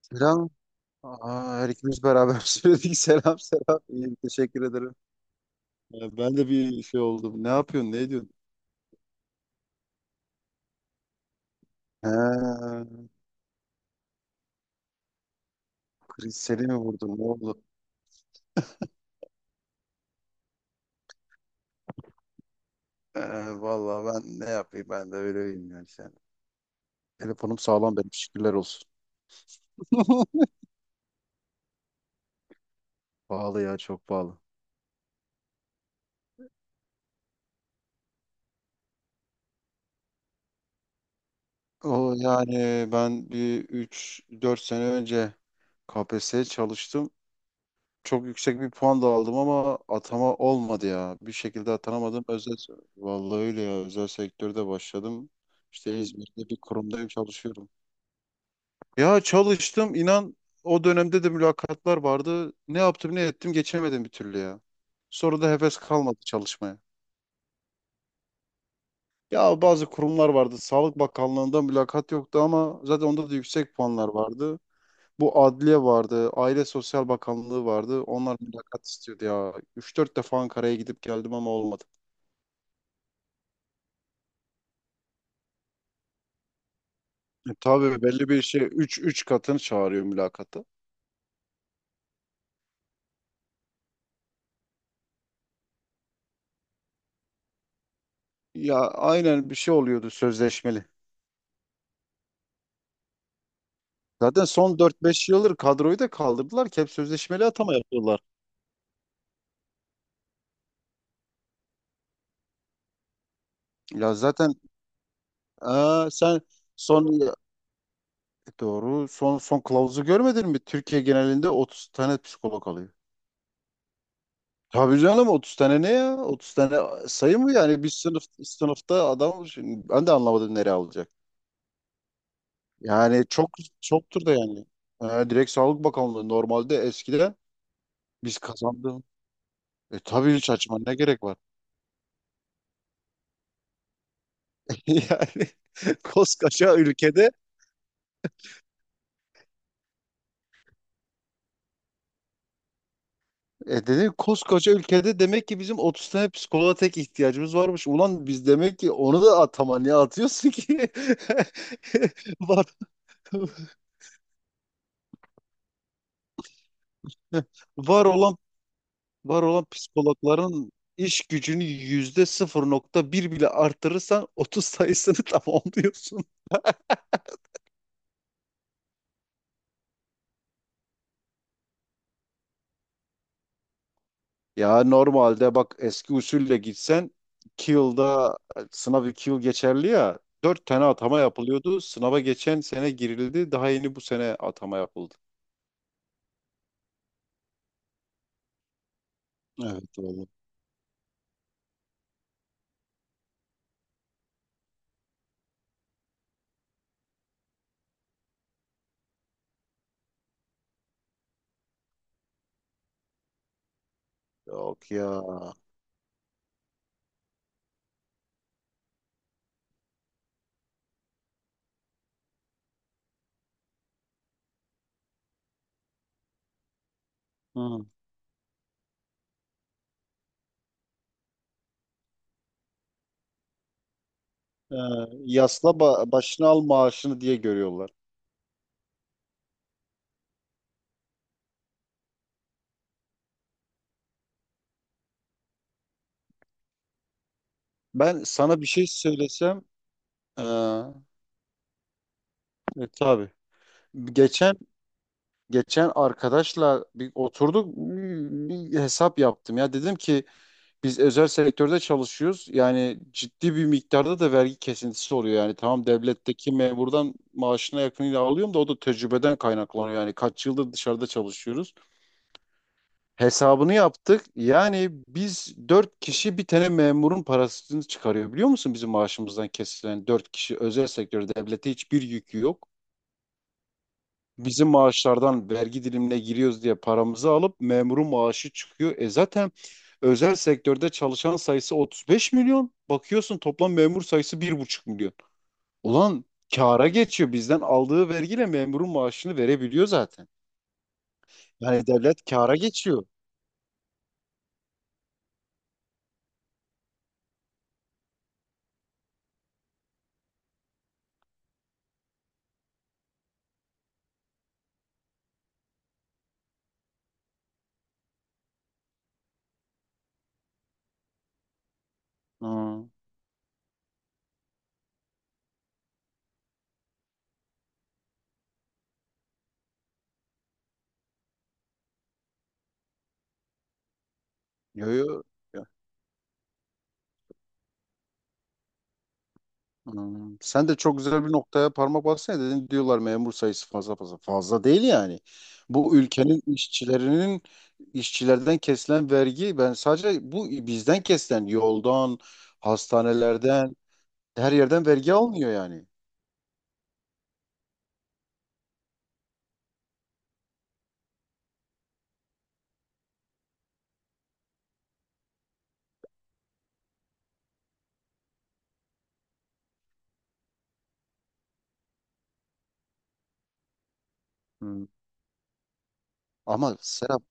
Selam. Aa, her ikimiz beraber söyledik. Selam selam. İyiyim, teşekkür ederim. Ya ben de bir şey oldum. Ne yapıyorsun? Ne ediyorsun? Ha, kriz seni mi vurdun? Ne oldu? Ee, vallahi ben ne yapayım? Ben de öyleyim yani sen. Telefonum sağlam benim. Şükürler olsun. Pahalı ya, çok pahalı. O yani, ben bir üç dört sene önce KPSS çalıştım. Çok yüksek bir puan da aldım ama atama olmadı ya. Bir şekilde atanamadım. Vallahi öyle ya. Özel sektörde başladım. İşte İzmir'de bir kurumdayım, çalışıyorum. Ya çalıştım inan, o dönemde de mülakatlar vardı. Ne yaptım ne ettim geçemedim bir türlü ya. Sonra da heves kalmadı çalışmaya. Ya bazı kurumlar vardı. Sağlık Bakanlığı'nda mülakat yoktu ama zaten onda da yüksek puanlar vardı. Bu adliye vardı, Aile Sosyal Bakanlığı vardı. Onlar mülakat istiyordu ya. Üç dört defa Ankara'ya gidip geldim ama olmadı. Tabii belli bir şey, üç katını çağırıyor mülakata. Ya aynen, bir şey oluyordu, sözleşmeli. Zaten son dört beş yıldır kadroyu da kaldırdılar, ki hep sözleşmeli atama yapıyorlar. Ya zaten sen son, doğru, son kılavuzu görmedin mi? Türkiye genelinde 30 tane psikolog alıyor. Tabii canım, 30 tane ne ya? 30 tane sayı mı yani? Bir sınıfta adam, şimdi ben de anlamadım nereye alacak. Yani çok çoktur da yani. Direkt Sağlık Bakanlığı, normalde eskiden biz kazandık. E tabii, hiç açma, ne gerek var? Yani koskoca ülkede, dedim koskoca ülkede demek ki bizim 30 tane psikoloğa tek ihtiyacımız varmış. Ulan biz demek ki, onu da atama, niye atıyorsun ki? Var, var olan Var olan psikologların iş gücünü %0,1 bile artırırsan 30 sayısını tamamlıyorsun. Ya normalde bak, eski usulle gitsen 2 yılda, sınav 2 yıl geçerli ya, 4 tane atama yapılıyordu. Sınava geçen sene girildi. Daha yeni bu sene atama yapıldı. Evet oğlum. Yok ya. Hı. Ee, Yasla başına al maaşını diye görüyorlar. Ben sana bir şey söylesem ee, tabii. Geçen Geçen arkadaşla bir oturduk, bir hesap yaptım ya, dedim ki biz özel sektörde çalışıyoruz, yani ciddi bir miktarda da vergi kesintisi oluyor. Yani tamam, devletteki memurdan maaşına yakınıyla alıyorum da o da tecrübeden kaynaklanıyor, yani kaç yıldır dışarıda çalışıyoruz. Hesabını yaptık. Yani biz dört kişi bir tane memurun parasını çıkarıyor, biliyor musun, bizim maaşımızdan kesilen. Dört kişi özel sektörde, devlete hiçbir yükü yok, bizim maaşlardan vergi dilimine giriyoruz diye paramızı alıp memurun maaşı çıkıyor. E zaten özel sektörde çalışan sayısı 35 milyon. Bakıyorsun, toplam memur sayısı 1,5 milyon. Ulan kâra geçiyor. Bizden aldığı vergiyle memurun maaşını verebiliyor zaten. Yani devlet kâra geçiyor. Ha. Yo, yo. Hmm, sen de çok güzel bir noktaya parmak bassana, dedin. Diyorlar memur sayısı fazla, fazla fazla, değil yani. Bu ülkenin işçilerden kesilen vergi, ben sadece bu bizden kesilen, yoldan, hastanelerden, her yerden vergi almıyor yani. Hmm. Ama Serap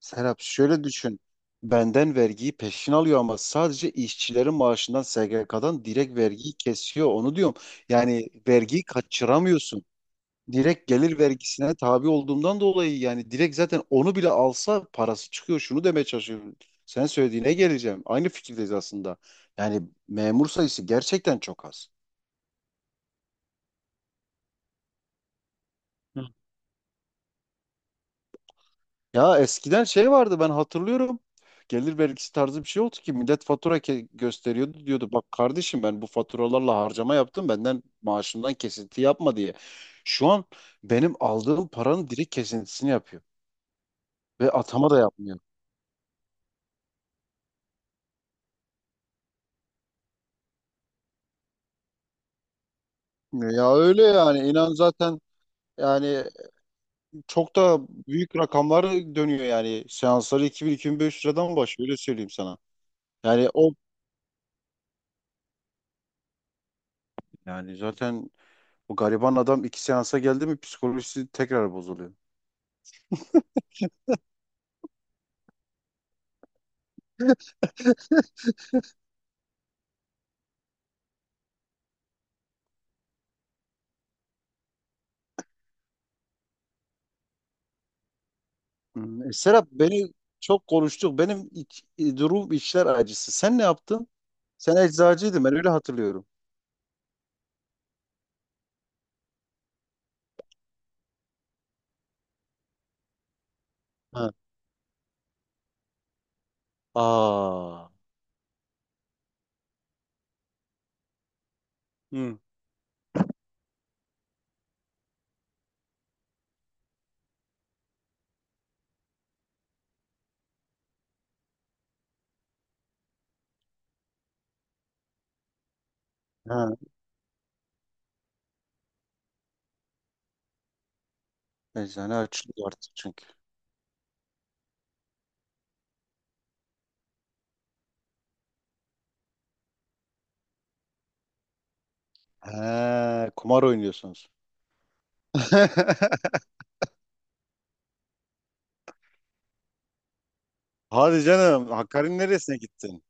Serap şöyle düşün. Benden vergiyi peşin alıyor ama sadece işçilerin maaşından, SGK'dan direkt vergiyi kesiyor, onu diyorum. Yani vergiyi kaçıramıyorsun. Direkt gelir vergisine tabi olduğumdan dolayı yani direkt, zaten onu bile alsa parası çıkıyor. Şunu demeye çalışıyorum. Sen söylediğine geleceğim. Aynı fikirdeyiz aslında. Yani memur sayısı gerçekten çok az. Hı. Ya eskiden şey vardı, ben hatırlıyorum. Gelir vergisi tarzı bir şey oldu ki millet fatura gösteriyordu, diyordu, bak kardeşim, ben bu faturalarla harcama yaptım, benden maaşımdan kesinti yapma diye. Şu an benim aldığım paranın direkt kesintisini yapıyor ve atama da yapmıyor. Ya öyle yani, inan zaten. Yani çok da büyük rakamlar dönüyor yani. Seansları 2000-2500 liradan başlıyor, öyle söyleyeyim sana. Yani o, yani zaten bu gariban adam iki seansa geldi mi psikolojisi tekrar bozuluyor. Hmm, Serap, beni çok konuştuk. Benim durum içler acısı. Sen ne yaptın? Sen eczacıydın, ben öyle hatırlıyorum. Ha. Aa. Hı. Ha. Eczane açılıyor artık çünkü. He, kumar oynuyorsunuz. Hadi canım, Hakkari'nin neresine gittin?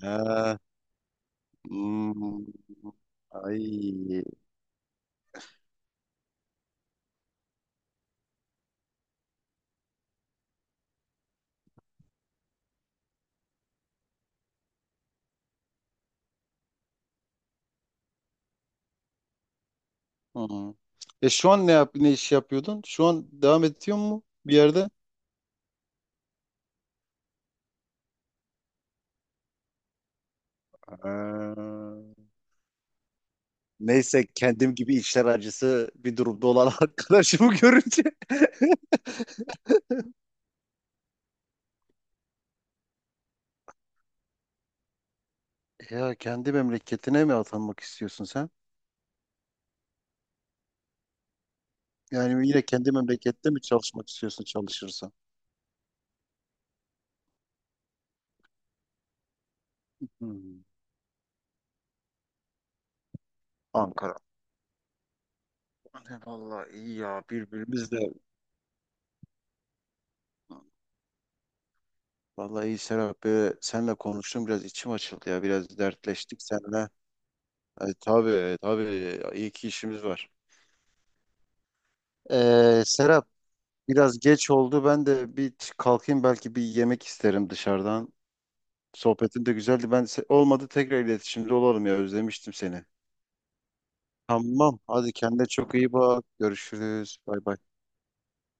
He. Hmm, ay. Hmm. E, şu an ne iş yapıyordun? Şu an devam ediyor mu bir yerde? Ha. Neyse, kendim gibi işler acısı bir durumda olan arkadaşımı görünce. Ya, kendi memleketine mi atanmak istiyorsun sen? Yani yine kendi memlekette mi çalışmak istiyorsun, çalışırsan? Hmm. Ankara. Vallahi iyi ya, birbirimiz de. Vallahi iyi Serap. Böyle seninle konuştum, biraz içim açıldı ya. Biraz dertleştik seninle. E, tabii tabii, iyi ki işimiz var. Serap, biraz geç oldu. Ben de bir kalkayım, belki bir yemek isterim dışarıdan. Sohbetin de güzeldi. Ben olmadı, tekrar iletişimde olalım ya, özlemiştim seni. Tamam, hadi kendine çok iyi bak. Görüşürüz. Bay bay.